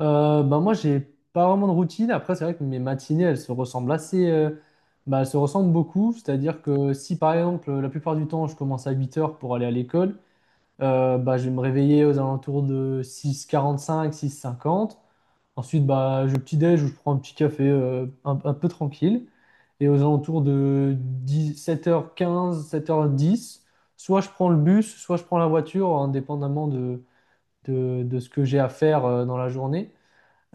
Bah moi, j'ai pas vraiment de routine. Après, c'est vrai que mes matinées, elles se ressemblent assez. Bah, elles se ressemblent beaucoup. C'est-à-dire que si, par exemple, la plupart du temps, je commence à 8 h pour aller à l'école, bah, je vais me réveiller aux alentours de 6 quarante cinq six h 50. Ensuite, bah, je petit-déj ou je prends un petit café un peu tranquille. Et aux alentours de 7h15 7h10, soit je prends le bus, soit je prends la voiture, indépendamment de ce que j'ai à faire dans la journée.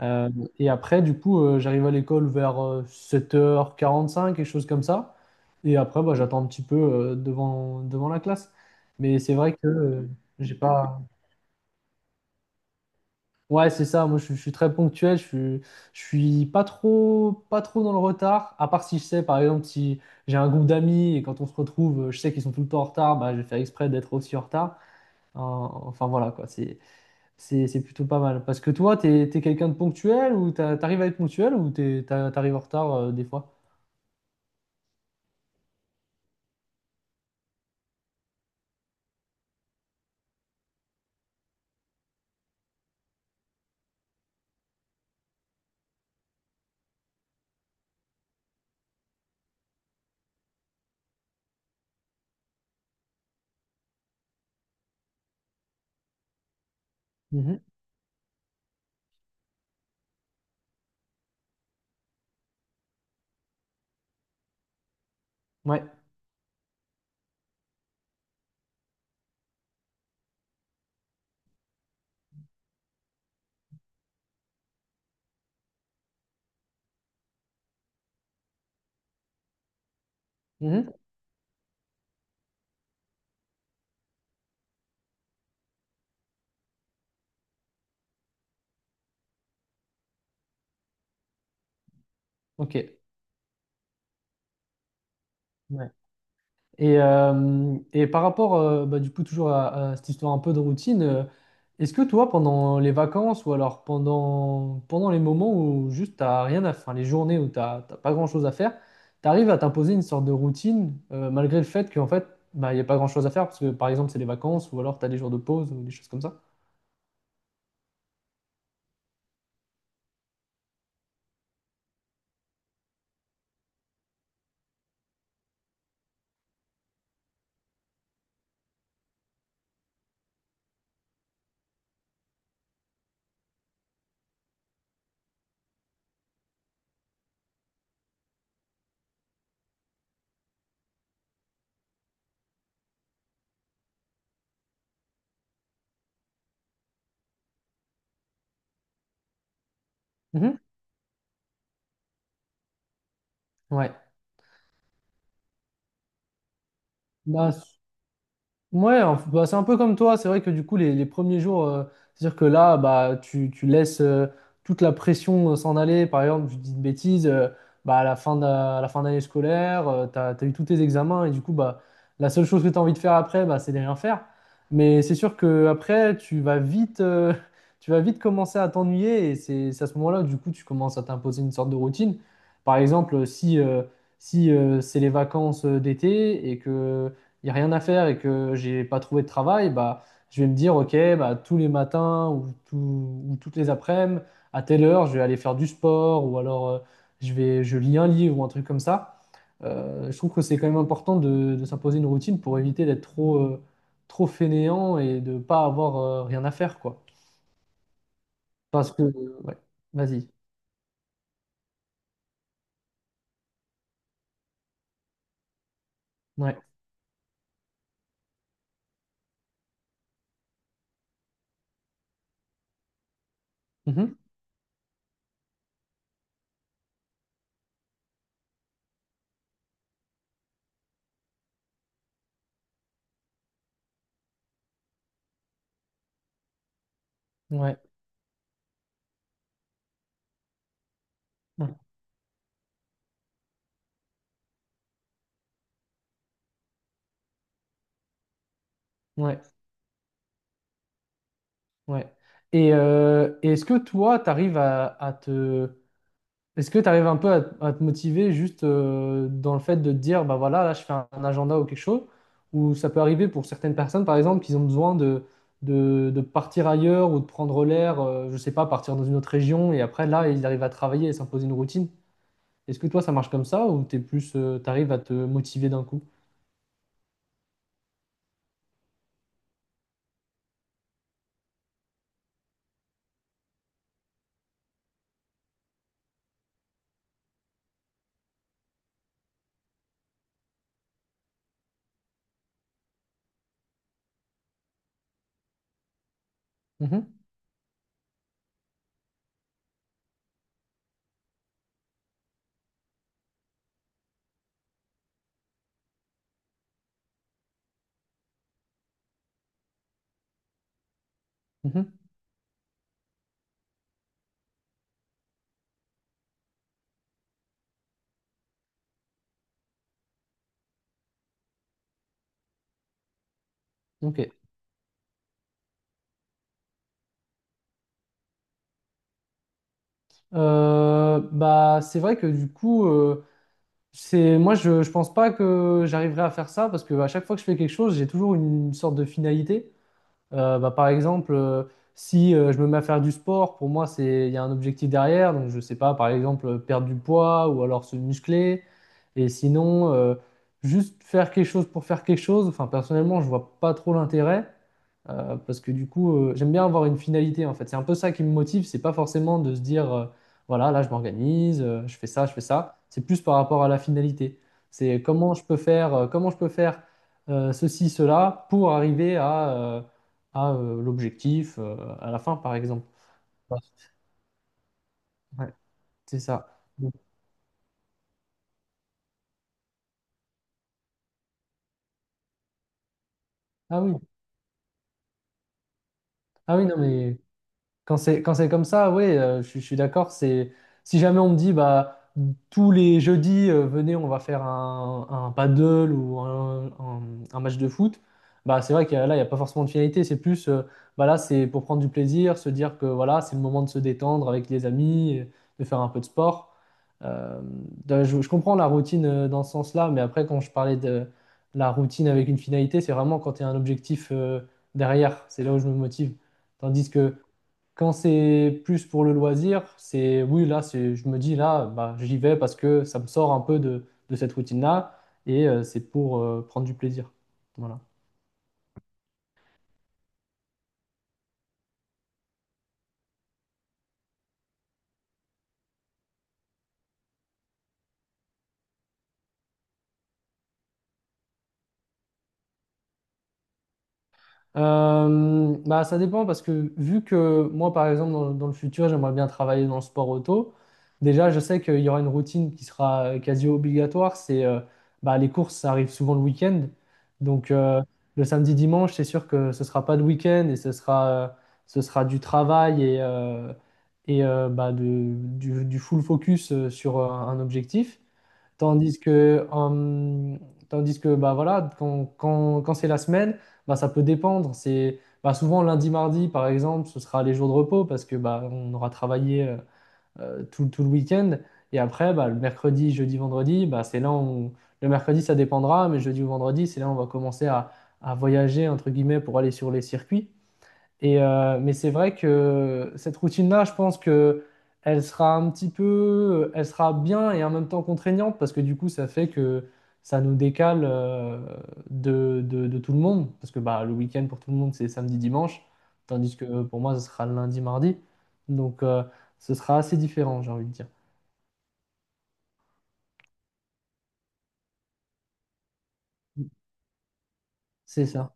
Euh, et après, du coup, j'arrive à l'école vers 7h45, quelque chose comme ça. Et après, bah, j'attends un petit peu devant la classe. Mais c'est vrai que j'ai pas. Ouais, c'est ça. Moi, je suis très ponctuel. Je suis pas trop dans le retard. À part si je sais, par exemple, si j'ai un groupe d'amis et quand on se retrouve, je sais qu'ils sont tout le temps en retard, bah, je vais faire exprès d'être aussi en retard. Enfin, voilà, quoi. C'est plutôt pas mal. Parce que toi, t'es quelqu'un de ponctuel ou t'arrives à être ponctuel ou t'arrives en retard des fois? Mhm. Ouais. Mhm. Ok. Ouais. Et par rapport, bah, du coup, toujours à cette histoire un peu de routine, est-ce que toi, pendant les vacances ou alors pendant les moments où juste t'as rien à faire, les journées où t'as pas grand-chose à faire, t'arrives à t'imposer une sorte de routine malgré le fait qu'en fait, bah, il n'y a pas grand-chose à faire parce que, par exemple, c'est les vacances ou alors t'as des jours de pause ou des choses comme ça? Mhm. Ouais. Bah, ouais, bah, c'est un peu comme toi. C'est vrai que du coup, les premiers jours, c'est-à-dire que là, bah, tu laisses toute la pression s'en aller. Par exemple, je dis une bêtise, bah, à la fin d'année scolaire, tu as, eu tous tes examens et du coup, bah, la seule chose que tu as envie de faire après, bah, c'est de rien faire. Mais c'est sûr que après, tu vas vite, tu vas vite commencer à t'ennuyer et c'est à ce moment-là que du coup, tu commences à t'imposer une sorte de routine. Par exemple, si c'est les vacances d'été et que il n'y a rien à faire et que j'ai pas trouvé de travail, bah, je vais me dire, ok, bah, tous les matins ou, ou toutes les après-midi, à telle heure, je vais aller faire du sport ou alors je lis un livre ou un truc comme ça. Je trouve que c'est quand même important de s'imposer une routine pour éviter d'être trop, trop fainéant et de pas avoir rien à faire, quoi. Parce que, ouais, vas-y. Ouais. Mhm. Ouais. Ouais. Ouais. Ouais. Est-ce que toi, tu arrives à te est-ce que tu arrives un peu à te motiver juste dans le fait de te dire, bah voilà, là je fais un agenda ou quelque chose, ou ça peut arriver pour certaines personnes, par exemple, qu'ils ont besoin de partir ailleurs ou de prendre l'air, je sais pas, partir dans une autre région, et après là, ils arrivent à travailler et s'imposer une routine. Est-ce que toi, ça marche comme ça, ou tu arrives à te motiver d'un coup? Mhm, mhm, ok. Bah, c'est vrai que du coup, c'est moi, je pense pas que j'arriverai à faire ça parce que à chaque fois que je fais quelque chose, j'ai toujours une sorte de finalité. Bah, par exemple, si je me mets à faire du sport, pour moi, il y a un objectif derrière. Donc, je sais pas, par exemple, perdre du poids ou alors se muscler. Et sinon, juste faire quelque chose pour faire quelque chose. Enfin, personnellement, je vois pas trop l'intérêt parce que du coup, j'aime bien avoir une finalité en fait. C'est un peu ça qui me motive. C'est pas forcément de se dire, voilà, là, je m'organise, je fais ça, je fais ça. C'est plus par rapport à la finalité. C'est comment je peux faire, ceci, cela pour arriver à l'objectif à la fin, par exemple. Ouais, c'est ça. Ah oui, ah oui, non, mais quand c'est comme ça, oui, je suis d'accord. C'est si jamais on me dit bah tous les jeudis venez, on va faire un paddle ou un match de foot, bah c'est vrai que là il n'y a pas forcément de finalité. C'est plus bah là c'est pour prendre du plaisir, se dire que voilà c'est le moment de se détendre avec les amis, de faire un peu de sport. Euh, je comprends la routine dans ce sens-là, mais après quand je parlais de la routine avec une finalité, c'est vraiment quand il y a un objectif derrière. C'est là où je me motive, tandis que quand c'est plus pour le loisir, c'est oui, là, je me dis là, bah, j'y vais parce que ça me sort un peu de cette routine-là et c'est pour prendre du plaisir. Voilà. Bah, ça dépend parce que vu que moi, par exemple, dans le futur, j'aimerais bien travailler dans le sport auto, déjà, je sais qu'il y aura une routine qui sera quasi obligatoire, c'est bah, les courses, ça arrive souvent le week-end. Donc le samedi, dimanche, c'est sûr que ce sera pas de week-end et ce sera du travail et bah, du full focus sur un objectif. Tandis que, hum, tandis que bah voilà, quand c'est la semaine, bah ça peut dépendre. C'est bah souvent lundi, mardi, par exemple, ce sera les jours de repos parce que bah on aura travaillé tout le week-end. Et après, bah, le mercredi, jeudi, vendredi, bah c'est là où le mercredi ça dépendra, mais jeudi ou vendredi, c'est là où on va commencer à voyager entre guillemets pour aller sur les circuits. Mais c'est vrai que cette routine-là, je pense que elle sera un petit peu, elle sera bien et en même temps contraignante parce que du coup, ça fait que ça nous décale de tout le monde parce que bah, le week-end pour tout le monde, c'est samedi, dimanche, tandis que pour moi, ce sera lundi, mardi. Donc, ce sera assez différent, j'ai envie de dire. C'est ça.